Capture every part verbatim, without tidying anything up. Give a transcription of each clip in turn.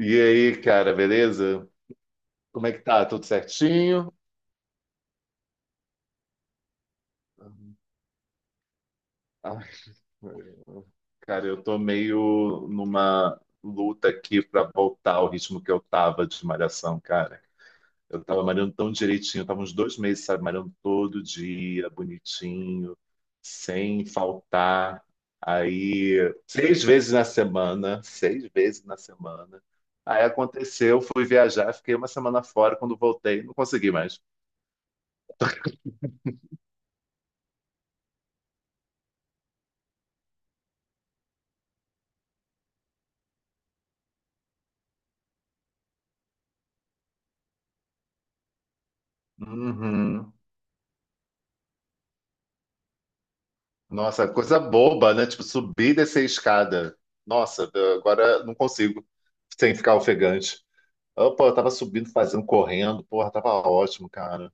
E aí, cara, beleza? Como é que tá? Tudo certinho? Ai, cara, eu tô meio numa luta aqui pra voltar ao ritmo que eu tava de malhação, cara. Eu tava malhando tão direitinho, eu tava uns dois meses, sabe, malhando todo dia, bonitinho, sem faltar. Aí, seis vezes na semana, seis vezes na semana. Aí aconteceu, fui viajar, fiquei uma semana fora, quando voltei, não consegui mais. Uhum. Nossa, coisa boba, né? Tipo, subir e descer a escada. Nossa, agora não consigo, sem ficar ofegante. Ah, pô, eu tava subindo, fazendo, correndo, porra, tava ótimo, cara.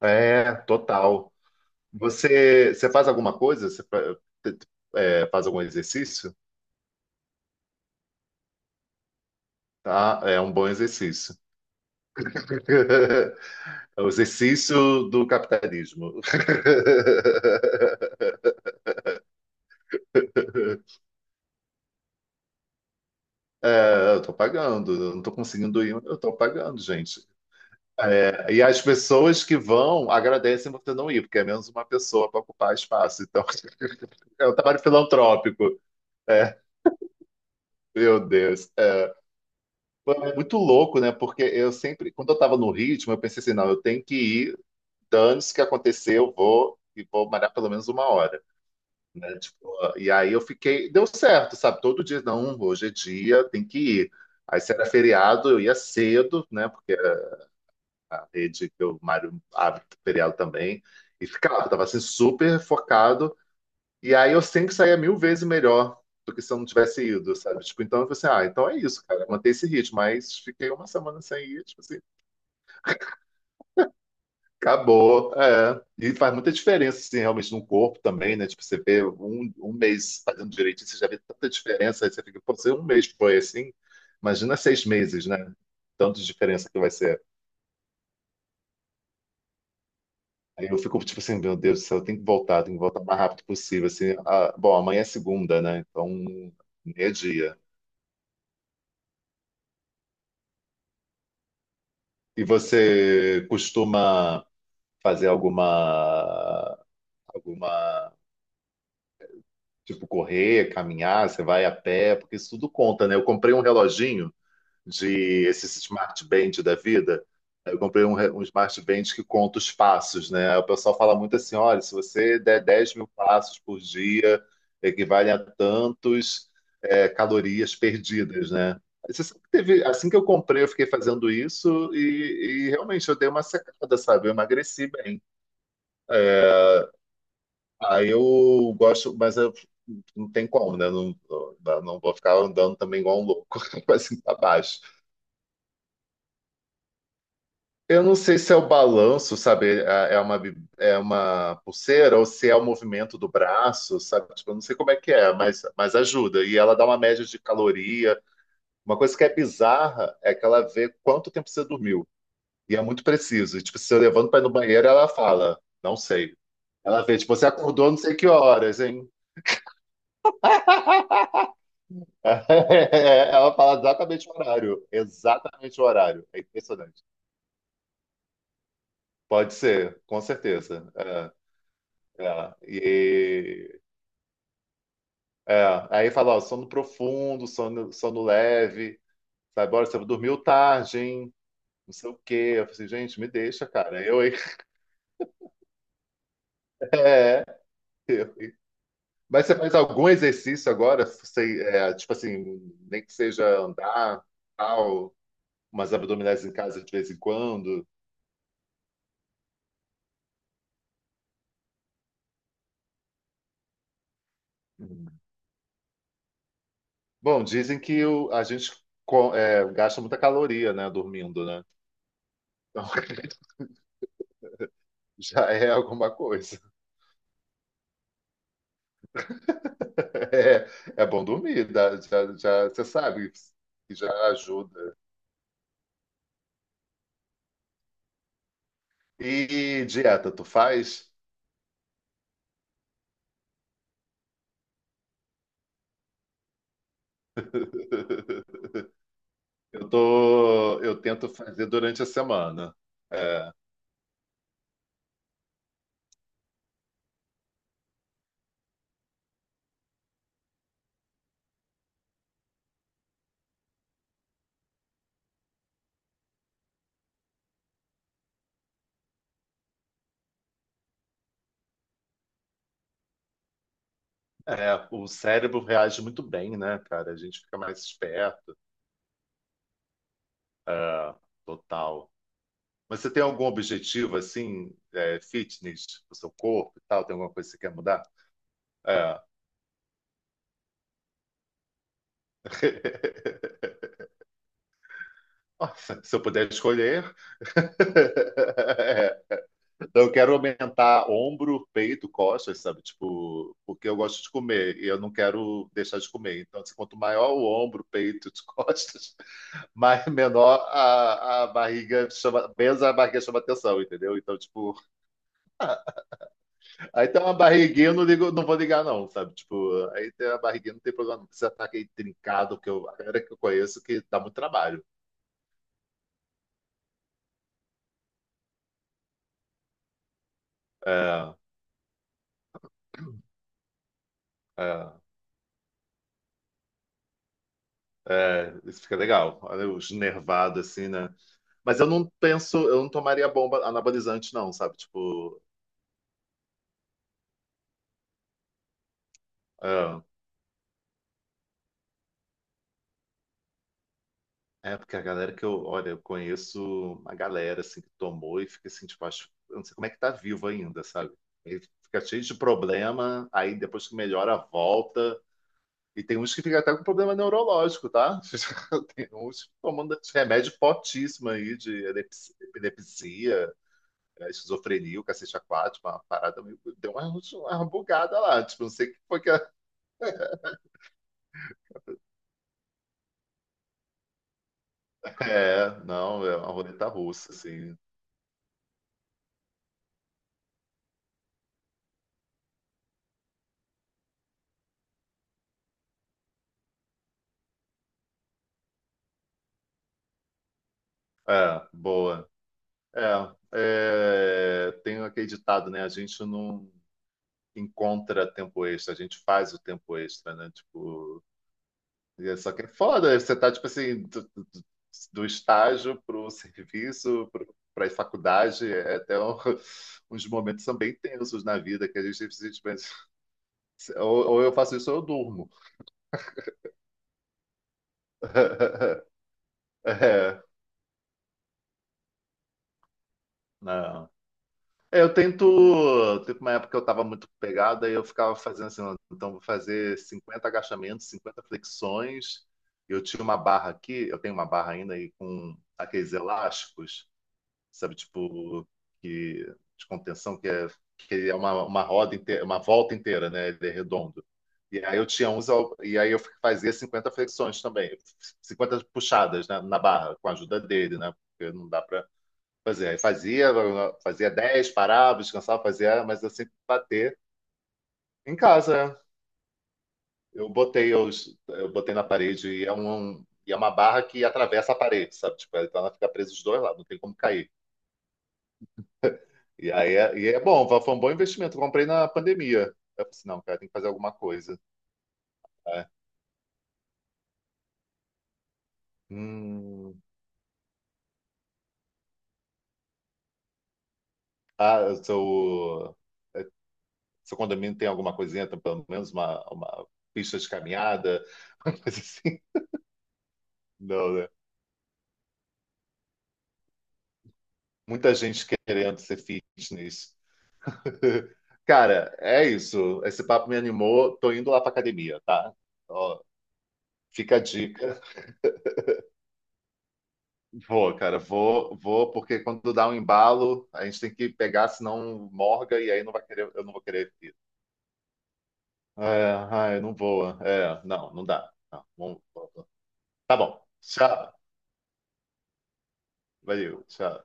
É, total. Você, você faz alguma coisa? Você fa- é, faz algum exercício? Tá, é um bom exercício. É o exercício do capitalismo. É, eu tô pagando, eu não tô conseguindo ir, mas eu tô pagando, gente. É, e as pessoas que vão agradecem você não ir, porque é menos uma pessoa para ocupar espaço. Então, é um trabalho filantrópico. É, meu Deus. É, foi muito louco, né? Porque eu sempre, quando eu estava no ritmo, eu pensei assim, não, eu tenho que ir, dane-se o que acontecer, eu vou e vou malhar pelo menos uma hora. Né? Tipo, e aí eu fiquei, deu certo, sabe? Todo dia, não, hoje é dia, tem que ir. Aí se era feriado, eu ia cedo, né? Porque a rede que o Mário abre seriado também. E ficava, tava assim super focado. E aí eu sempre saía mil vezes melhor do que se eu não tivesse ido, sabe? Tipo, então eu falei assim, ah, então é isso, cara, manter esse ritmo. Mas fiquei uma semana sem ir, tipo assim, acabou. É. E faz muita diferença, assim, realmente no corpo também, né? Tipo, você vê um, um mês fazendo direitinho, você já vê tanta diferença, aí você fica, pô, se um mês foi assim, imagina seis meses, né? Tanto de diferença que vai ser. Aí eu fico tipo assim, meu Deus do céu, eu tenho que voltar, tenho que voltar o mais rápido possível. Assim, ah, bom, amanhã é segunda, né? Então, meio-dia. E você costuma fazer alguma, alguma, tipo, correr, caminhar, você vai a pé, porque isso tudo conta, né? Eu comprei um reloginho de esses smart band da vida. Eu comprei um, re- um smart band que conta os passos, né? Aí o pessoal fala muito assim: olha, se você der dez mil passos por dia, equivale a tantos é, calorias perdidas, né? Aí você sabe que teve, assim que eu comprei, eu fiquei fazendo isso e, e realmente eu dei uma secada, sabe? Eu emagreci bem. Aí eu gosto, mas eu não tem como, né? Não, não, não vou ficar andando também igual um louco, assim, pra baixo. Eu não sei se é o balanço, sabe? É é uma, bi- é uma pulseira ou se é o movimento do braço, sabe? Tipo, eu não sei como é que é, mas, mas ajuda. E ela dá uma média de caloria. Uma coisa que é bizarra é que ela vê quanto tempo você dormiu. E é muito preciso. E, tipo, se eu levanto para ir no banheiro, ela fala, não sei. Ela vê, tipo, você acordou não sei que horas, hein? Ela fala exatamente o horário. Exatamente o horário. É impressionante. Pode ser, com certeza. É, é. E é, aí fala, ó, sono profundo, sono, sono leve, sabe? Olha, você dormiu tarde, hein? Não sei o quê. Eu falei assim, gente, me deixa, cara. Eu, hein? Eu, hein? Mas você faz algum exercício agora? Você, é, tipo assim, nem que seja andar, tal, umas abdominais em casa de vez em quando. Uhum. Bom, dizem que o- a gente co- é, gasta muita caloria, né, dormindo, né? Então, já é alguma coisa. É, é bom dormir, dá- já, já, você sabe que já ajuda. E dieta, tu faz? Eu tô, eu tento fazer durante a semana. É, é, o cérebro reage muito bem, né, cara? A gente fica mais esperto. É, total. Mas você tem algum objetivo assim, é, fitness, do seu corpo e tal? Tem alguma coisa que você quer mudar? É. Nossa, se eu puder escolher. Então, eu quero aumentar ombro, peito, costas, sabe? Tipo, porque eu gosto de comer e eu não quero deixar de comer. Então, assim, quanto maior o ombro, peito, e costas, mais menor a, a barriga chama, menos a barriga chama atenção, entendeu? Então, tipo, aí tem uma barriguinha, eu não ligo, não vou ligar, não, sabe? Tipo, aí tem a barriguinha, não tem problema, não precisa estar aquele trincado, porque eu, a galera que eu conheço que dá muito trabalho. É, é, é, isso fica legal. Olha os nervados, assim, né? Mas eu não penso, eu não tomaria bomba anabolizante, não, sabe? Tipo, ah, é porque a galera que eu, olha, eu conheço uma galera assim que tomou e fica assim, tipo, acho, eu não sei como é que tá vivo ainda, sabe? Ele fica cheio de problema, aí depois que melhora, volta. E tem uns que ficam até com problema neurológico, tá? Tem uns tomando esse remédio fortíssimo aí de epilepsia, epilepsia, eh, esquizofrenia, o cacete aquático, uma parada meio. Deu uma, uma bugada lá. Tipo, não sei o que foi que a É, não, é uma roleta russa, assim. É, boa. É, é, tem aquele ditado, né? A gente não encontra tempo extra, a gente faz o tempo extra, né? Tipo, e é só que é foda, você tá, tipo assim, do, do, do do estágio pro serviço, pro, pra faculdade, é até um- uns momentos são bem tensos na vida, que a gente simplesmente... pensa, Ou, ou eu faço isso ou eu durmo. É, não. É, eu tento. Teve uma época que eu tava muito pegado, aí eu ficava fazendo assim, "Não, então vou fazer cinquenta agachamentos, cinquenta flexões. Eu tinha uma barra aqui, eu tenho uma barra ainda aí com aqueles elásticos, sabe, tipo, que, de contenção, que é, que é, uma, uma roda inteira, uma volta inteira, né? Ele é redondo. E aí eu tinha uns, al- e aí eu fazia cinquenta flexões também, cinquenta puxadas, né, na barra, com a ajuda dele, né? Porque não dá Pois é, fazia, fazia dez parava, descansava, fazia, mas eu sempre bater em casa. Né? Eu botei, eu, eu botei na parede e é um, um, e é uma barra que atravessa a parede, sabe? Tipo, então ela fica presa dos dois lados, não tem como cair. E aí é, e é bom, foi um bom investimento. Eu comprei na pandemia. Eu falei assim, não, cara, tem que fazer alguma coisa. É. Hum. Ah, seu, seu condomínio tem alguma coisinha, tem pelo menos uma, uma pista de caminhada, uma coisa assim. Não, né? Muita gente querendo ser fitness. Cara, é isso. Esse papo me animou. Tô indo lá pra academia, tá? Ó, fica a dica. Vou, cara, vou, vou, porque quando dá um embalo, a gente tem que pegar, senão morga e aí não vai querer, eu não vou querer ir. É, ai, não voa. É, não, não dá. Não, não- tá bom. Tchau. Valeu, tchau.